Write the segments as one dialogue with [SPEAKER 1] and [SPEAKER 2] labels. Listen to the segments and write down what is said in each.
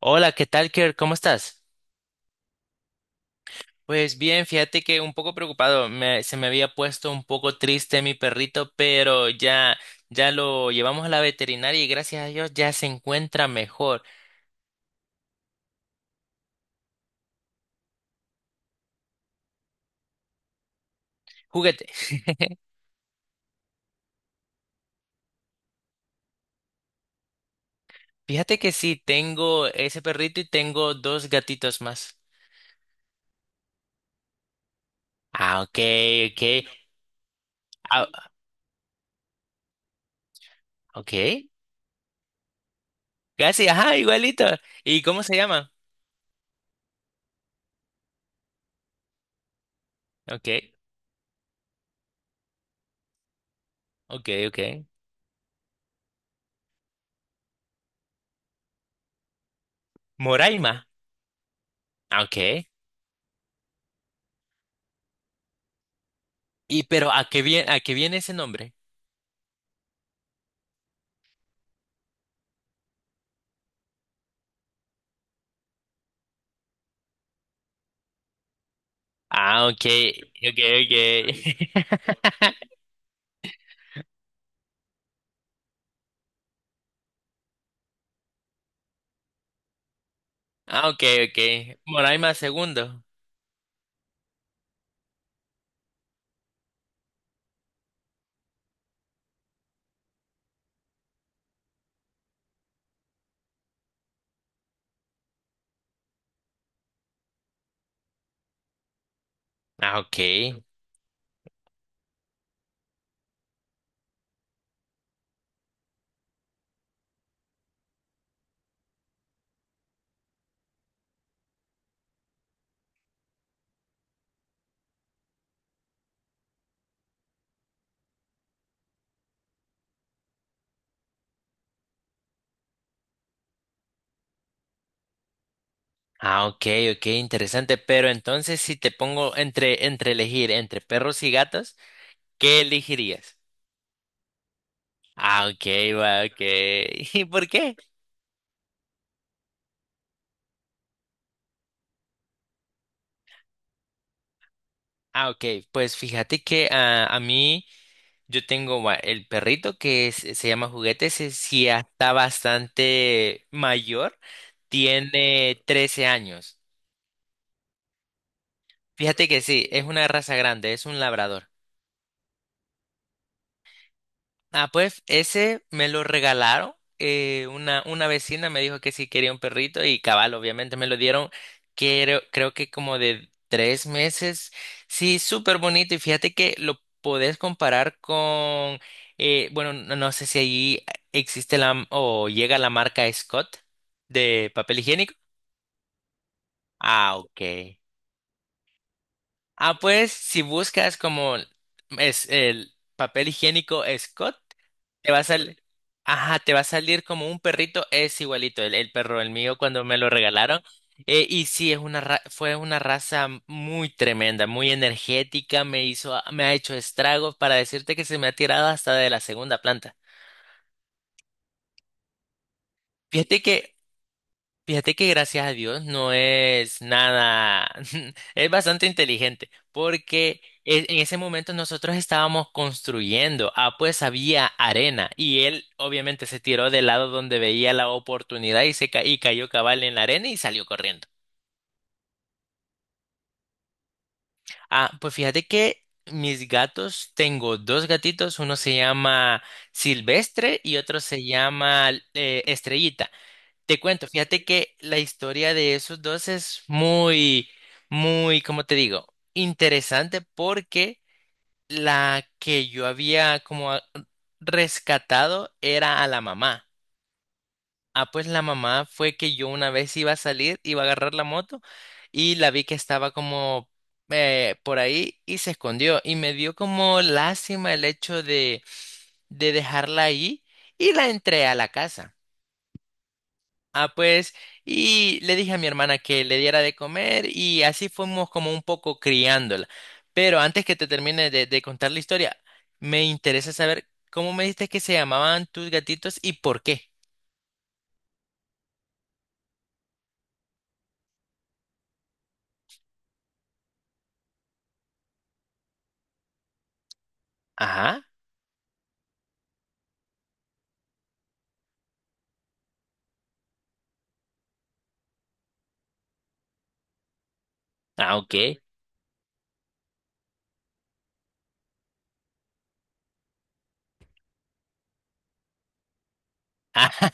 [SPEAKER 1] Hola, ¿qué tal, Kerr? ¿Cómo estás? Pues bien, fíjate que un poco preocupado, se me había puesto un poco triste mi perrito, pero ya lo llevamos a la veterinaria y gracias a Dios ya se encuentra mejor. Juguete. Fíjate que sí, tengo ese perrito y tengo dos gatitos más. Ah, ok, ok. Ah, ok. Casi, ajá, igualito. ¿Y cómo se llama? Ok, ok, ok. Moraima. Ah, ok. ¿Y pero a qué viene ese nombre? Ah, ok, ok, ok. Ah, ok, ok. Moraima segundo. Ah, ok. Ah, ok, ok, interesante. Pero entonces, si te pongo entre elegir entre perros y gatos, ¿qué elegirías? Ah, ok, va, ok. ¿Y por qué? Ah, ok, pues fíjate que a mí yo tengo va, el perrito se llama Juguetes, si sí ya está bastante mayor, tiene 13 años. Fíjate que sí, es una raza grande, es un labrador. Ah, pues ese me lo regalaron. Una vecina me dijo que sí quería un perrito y cabal, obviamente me lo dieron, creo que como de 3 meses. Sí, súper bonito y fíjate que lo podés comparar con, bueno, no, no sé si allí existe la o llega la marca Scott de papel higiénico. Ah, ok. Ah, pues si buscas como es el papel higiénico Scott, te va a salir, ajá, te va a salir como un perrito, es igualito, el perro, el mío cuando me lo regalaron. Y sí, es fue una raza muy tremenda, muy energética, me ha hecho estragos para decirte que se me ha tirado hasta de la segunda planta. Fíjate que Fíjate que gracias a Dios no es nada, es bastante inteligente, porque en ese momento nosotros estábamos construyendo, ah, pues había arena y él obviamente se tiró del lado donde veía la oportunidad y cayó cabal en la arena y salió corriendo. Ah, pues fíjate que mis gatos, tengo dos gatitos, uno se llama Silvestre y otro se llama Estrellita. Te cuento, fíjate que la historia de esos dos es muy, muy, como te digo, interesante porque la que yo había como rescatado era a la mamá. Ah, pues la mamá fue que yo una vez iba a salir, iba a agarrar la moto y la vi que estaba como por ahí y se escondió y me dio como lástima el hecho de dejarla ahí y la entré a la casa. Ah, pues, y le dije a mi hermana que le diera de comer y así fuimos como un poco criándola. Pero antes que te termine de contar la historia, me interesa saber cómo me dijiste que se llamaban tus gatitos y por qué. Ajá. Ah, ok.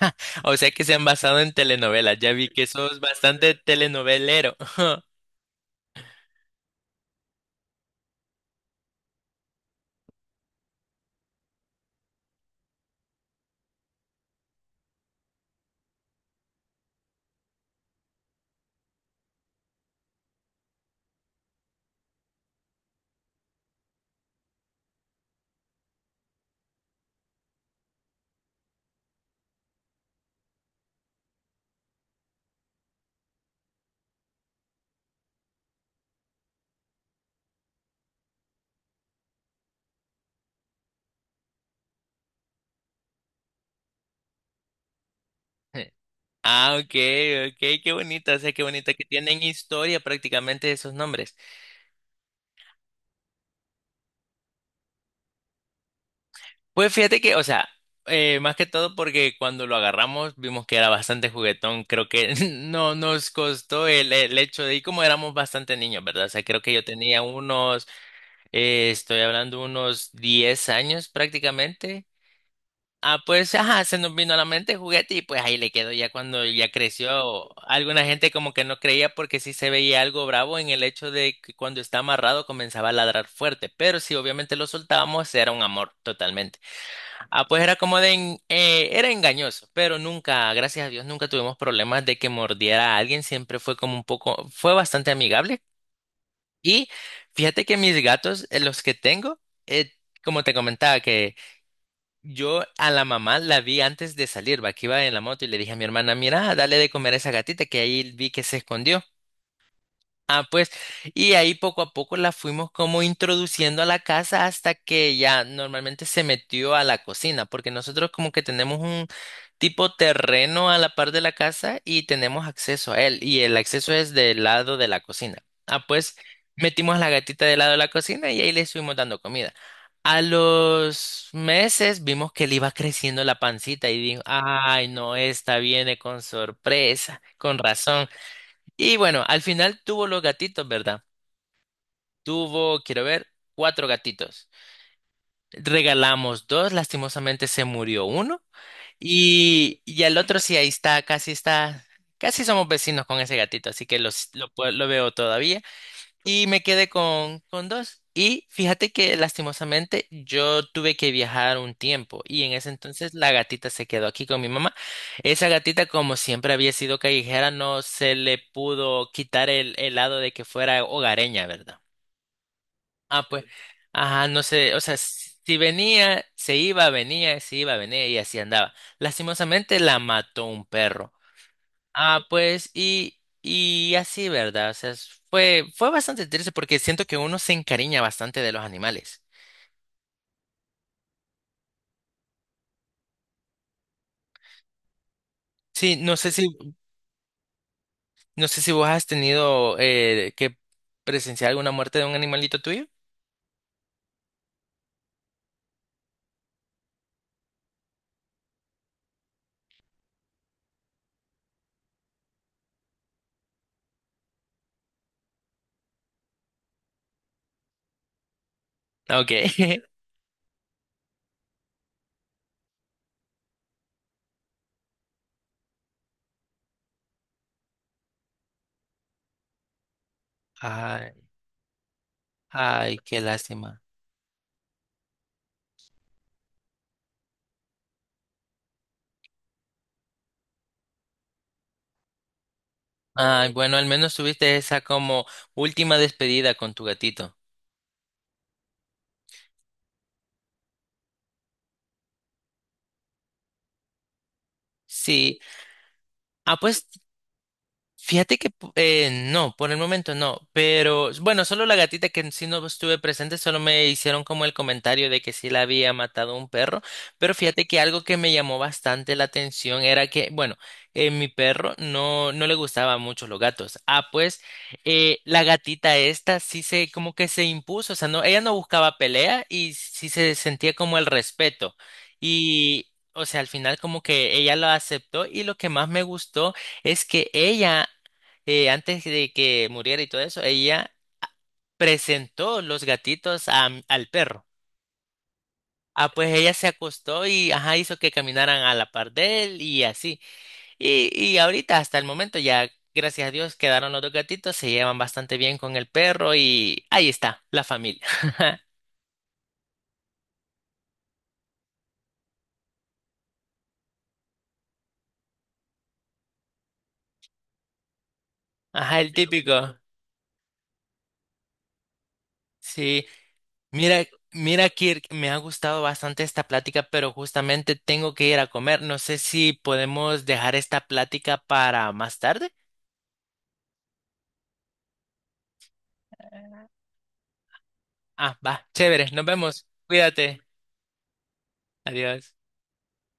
[SPEAKER 1] O sea que se han basado en telenovelas. Ya vi que sos bastante telenovelero. Ah, ok, ok, qué bonito. O sea, qué bonito que tienen historia prácticamente esos nombres. Pues fíjate que, o sea, más que todo porque cuando lo agarramos vimos que era bastante juguetón. Creo que no nos costó el hecho de, y como éramos bastante niños, ¿verdad? O sea, creo que yo tenía unos, estoy hablando unos 10 años prácticamente. Ah, pues, ajá, se nos vino a la mente juguete y pues ahí le quedó ya cuando ya creció. Alguna gente como que no creía porque sí se veía algo bravo en el hecho de que cuando está amarrado comenzaba a ladrar fuerte, pero si obviamente lo soltábamos era un amor totalmente. Ah, pues era como de era engañoso, pero nunca, gracias a Dios, nunca tuvimos problemas de que mordiera a alguien. Siempre fue como un poco, fue bastante amigable. Y fíjate que mis gatos, los que tengo, eh, como te comentaba, que yo a la mamá la vi antes de salir, va, que iba en la moto y le dije a mi hermana, mira, dale de comer a esa gatita que ahí vi que se escondió. Ah, pues, y ahí poco a poco la fuimos como introduciendo a la casa hasta que ya normalmente se metió a la cocina, porque nosotros como que tenemos un tipo terreno a la par de la casa y tenemos acceso a él, y el acceso es del lado de la cocina. Ah, pues, metimos a la gatita del lado de la cocina y ahí le estuvimos dando comida. A los meses vimos que le iba creciendo la pancita y dijo, ay, no, esta viene con sorpresa, con razón. Y bueno, al final tuvo los gatitos, ¿verdad? Tuvo, quiero ver, cuatro gatitos. Regalamos dos, lastimosamente se murió uno. Y el otro sí, ahí está, casi somos vecinos con ese gatito, así que lo veo todavía. Y me quedé con dos. Y fíjate que lastimosamente yo tuve que viajar un tiempo y en ese entonces la gatita se quedó aquí con mi mamá. Esa gatita, como siempre había sido callejera, no se le pudo quitar el lado de que fuera hogareña, ¿verdad? Ah, pues, ajá, no sé, o sea, si venía, se iba, venía, se iba, venía y así andaba. Lastimosamente la mató un perro. Ah, pues, y así, ¿verdad? O sea, fue, fue bastante triste porque siento que uno se encariña bastante de los animales. Sí, no sé si vos has tenido que presenciar alguna muerte de un animalito tuyo. Ok. Ay, ay, qué lástima. Ay, bueno, al menos tuviste esa como última despedida con tu gatito. Sí. Ah, pues. Fíjate que no, por el momento no, pero bueno, solo la gatita que sí no estuve presente, solo me hicieron como el comentario de que sí la había matado un perro, pero fíjate que algo que me llamó bastante la atención era que, bueno, mi perro no, no le gustaban mucho los gatos. Ah, pues la gatita esta sí se como que se impuso, o sea, no, ella no buscaba pelea y sí se sentía como el respeto. Y, o sea, al final como que ella lo aceptó y lo que más me gustó es que ella, antes de que muriera y todo eso, ella presentó los gatitos a al perro. Ah, pues ella se acostó y ajá, hizo que caminaran a la par de él y así. Y ahorita, hasta el momento, ya, gracias a Dios, quedaron los dos gatitos, se llevan bastante bien con el perro y ahí está, la familia. Ajá, el típico. Sí, Mira, mira, Kirk, me ha gustado bastante esta plática, pero justamente tengo que ir a comer. No sé si podemos dejar esta plática para más tarde. Ah, va, chévere, nos vemos. Cuídate. Adiós.